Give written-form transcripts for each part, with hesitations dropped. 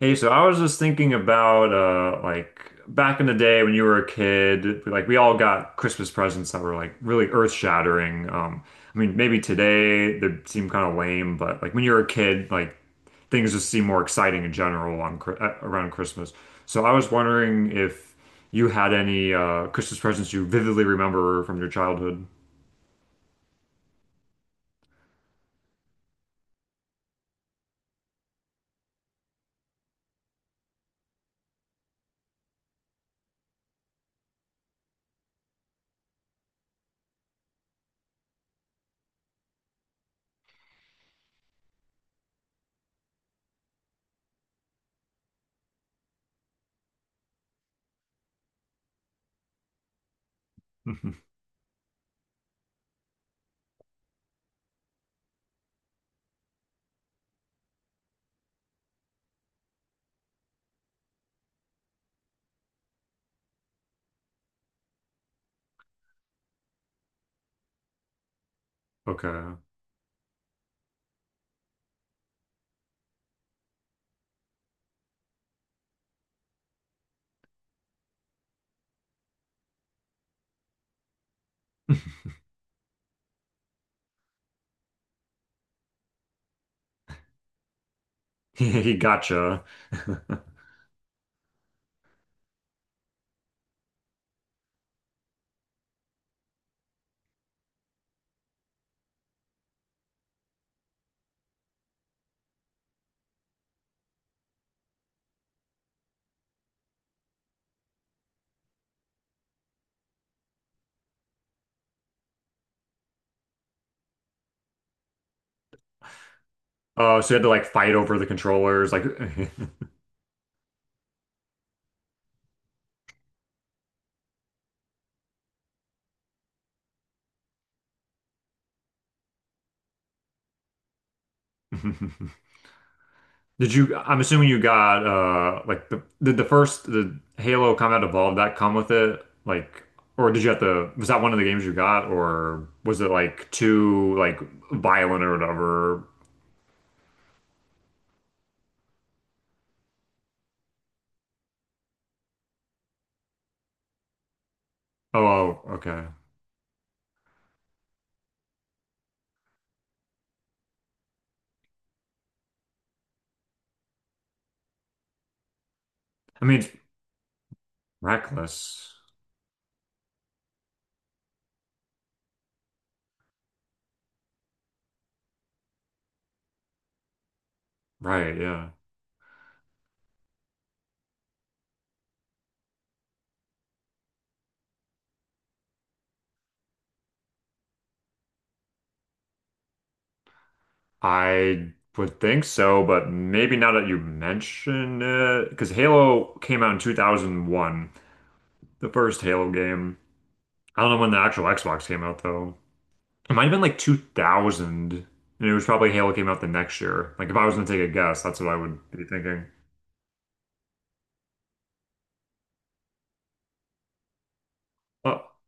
Hey, so I was just thinking about like back in the day when you were a kid, like we all got Christmas presents that were like really earth-shattering. I mean, maybe today they seem kind of lame, but like when you were a kid, like things just seem more exciting in general on around Christmas. So I was wondering if you had any Christmas presents you vividly remember from your childhood. Okay. He gotcha. Oh, so you had to like fight over the controllers, like Did you? I'm assuming you got like the did the first the Halo Combat Evolved that come with it, like, or did you have to, was that one of the games you got, or was it like too like violent or whatever? Oh, oh, okay. I mean, it's reckless, right? Yeah, I would think so, but maybe now that you mention it, because Halo came out in 2001, the first Halo game. I don't know when the actual Xbox came out though. It might have been like 2000, and it was probably Halo came out the next year. Like if I was gonna take a guess, that's what I would be thinking. Oh,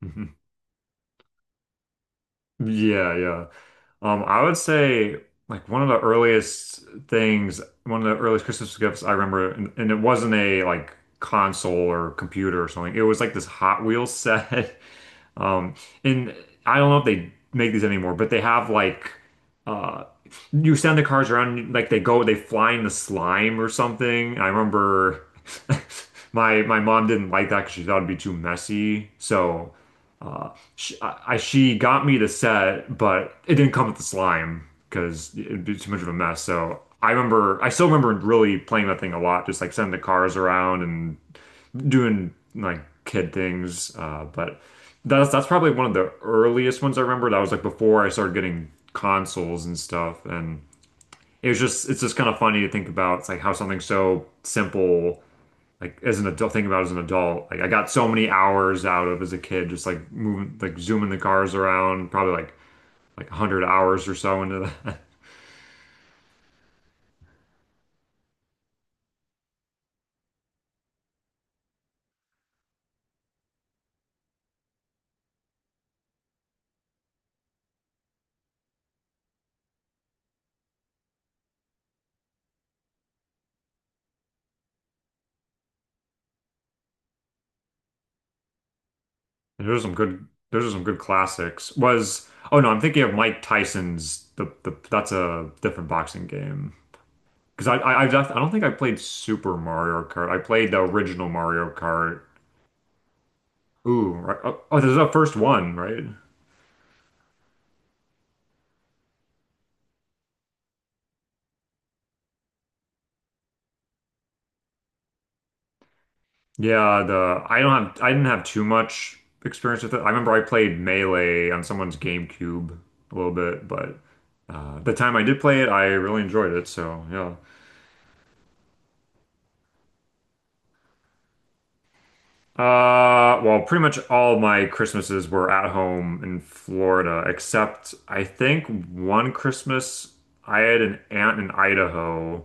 mhm. Yeah, yeah. I would say like one of the earliest things, one of the earliest Christmas gifts I remember, and it wasn't a like console or computer or something. It was like this Hot Wheels set. Um, and I don't know if they make these anymore, but they have like uh you send the cars around, like, they go, they fly in the slime or something. I remember my mom didn't like that because she thought it'd be too messy. So she got me the set, but it didn't come with the slime because it'd be too much of a mess. So I remember I still remember really playing that thing a lot, just like sending the cars around and doing like kid things. But that's probably one of the earliest ones I remember. That was like before I started getting consoles and stuff. And it was just it's just kind of funny to think about. It's like how something so simple, like as an adult, think about as an adult. Like I got so many hours out of as a kid, just like moving, like zooming the cars around, probably like 100 hours or so into that. And there's some good, those are some good classics. Was, oh no, I'm thinking of Mike Tyson's, the that's a different boxing game. Because I just I don't think I played Super Mario Kart. I played the original Mario Kart. Ooh, right. Oh, oh, this is the first one, right? Yeah, the I don't have I didn't have too much experience with it. I remember I played Melee on someone's GameCube a little bit, but the time I did play it, I really enjoyed it. So yeah. Well, pretty much all my Christmases were at home in Florida, except I think one Christmas I had an aunt in Idaho.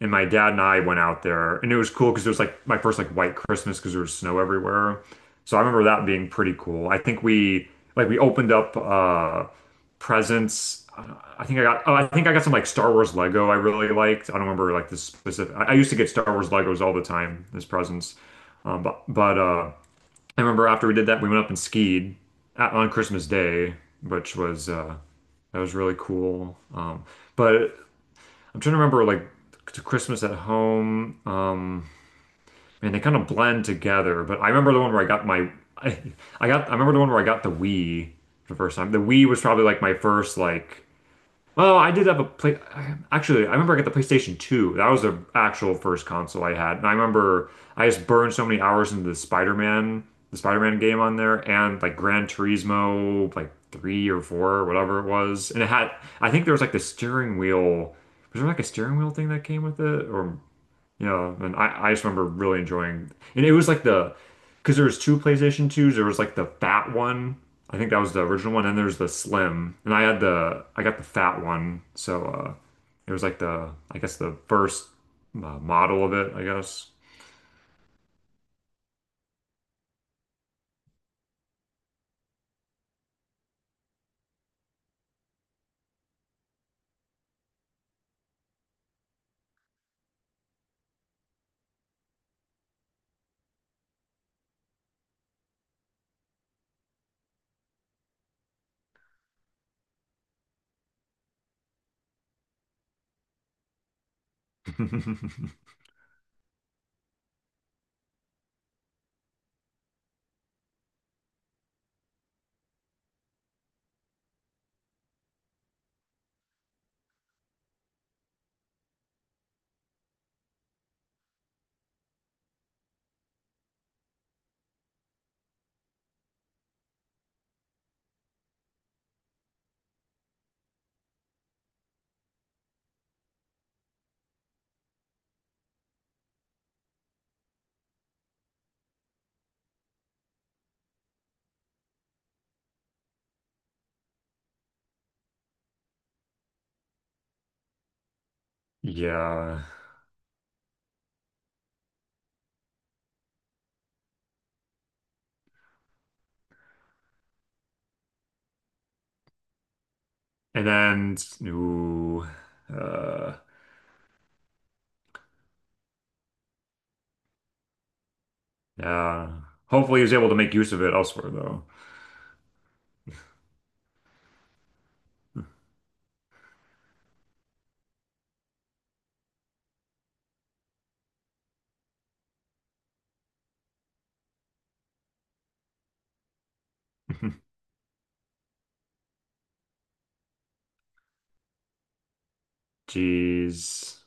And my dad and I went out there, and it was cool because it was like my first like white Christmas because there was snow everywhere. So I remember that being pretty cool. I think we like we opened up presents. I think I got, oh, I think I got some like Star Wars Lego I really liked. I don't remember like the specific. I used to get Star Wars Legos all the time as presents. But I remember after we did that, we went up and skied at, on Christmas Day, which was that was really cool. But I'm trying to remember like to Christmas at home. And they kind of blend together. But I remember the one where I got my I, I got I remember the one where I got the Wii for the first time. The Wii was probably like my first like Oh, I did have a play. Actually, I remember I got the PlayStation 2. That was the actual first console I had. And I remember I just burned so many hours into the Spider-Man game on there and like Gran Turismo, like three or four, or whatever it was. And it had, I think there was like the steering wheel. Was there like a steering wheel thing that came with it? Or yeah, and I just remember really enjoying, and it was like the, because there was two PlayStation 2s. There was like the fat one. I think that was the original one, and there's the slim. And I had the, I got the fat one. So it was like the, I guess the first model of it, I guess. Yeah. And then, ooh, uh, yeah. Hopefully he was able to make use of it elsewhere, though. Jeez.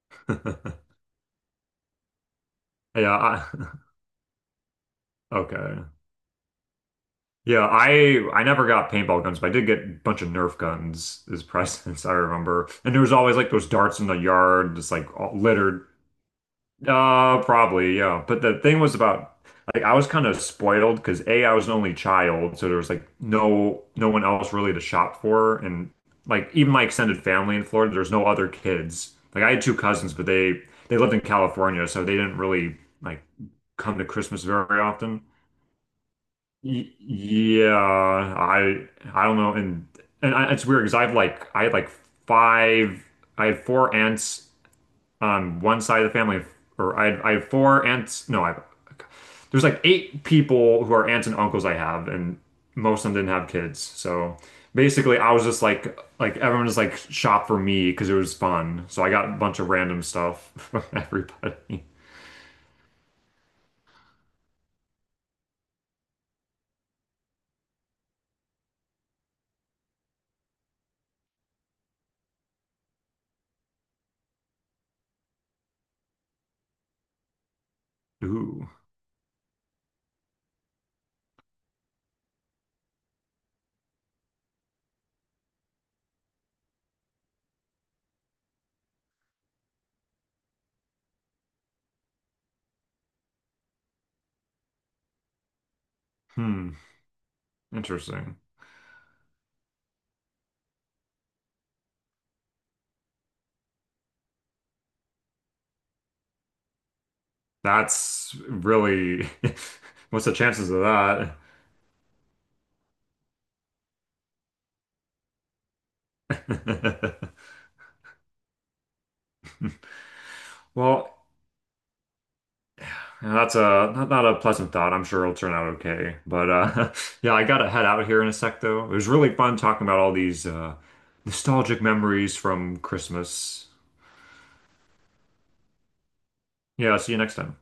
Yeah, I, okay. Yeah, I never got paintball guns, but I did get a bunch of Nerf guns as presents, I remember. And there was always like those darts in the yard, just like all littered. Probably, yeah. But the thing was about like I was kind of spoiled because A, I was an only child, so there was like no one else really to shop for, and like even my extended family in Florida, there's no other kids. Like I had two cousins, but they lived in California, so they didn't really like come to Christmas very often. Y- Yeah, I don't know, it's weird because I've like I had like five, I had 4 aunts on one side of the family, or I had 4 aunts. No, I there's like 8 people who are aunts and uncles I have, and most of them didn't have kids. So basically, I was just like everyone just like shopped for me because it was fun. So I got a bunch of random stuff from everybody. Ooh, hmm, interesting. That's really, what's the chances of that? Well, that's a not, not a pleasant thought. I'm sure it'll turn out okay. But yeah, I gotta head out here in a sec, though. It was really fun talking about all these nostalgic memories from Christmas. Yeah, see you next time.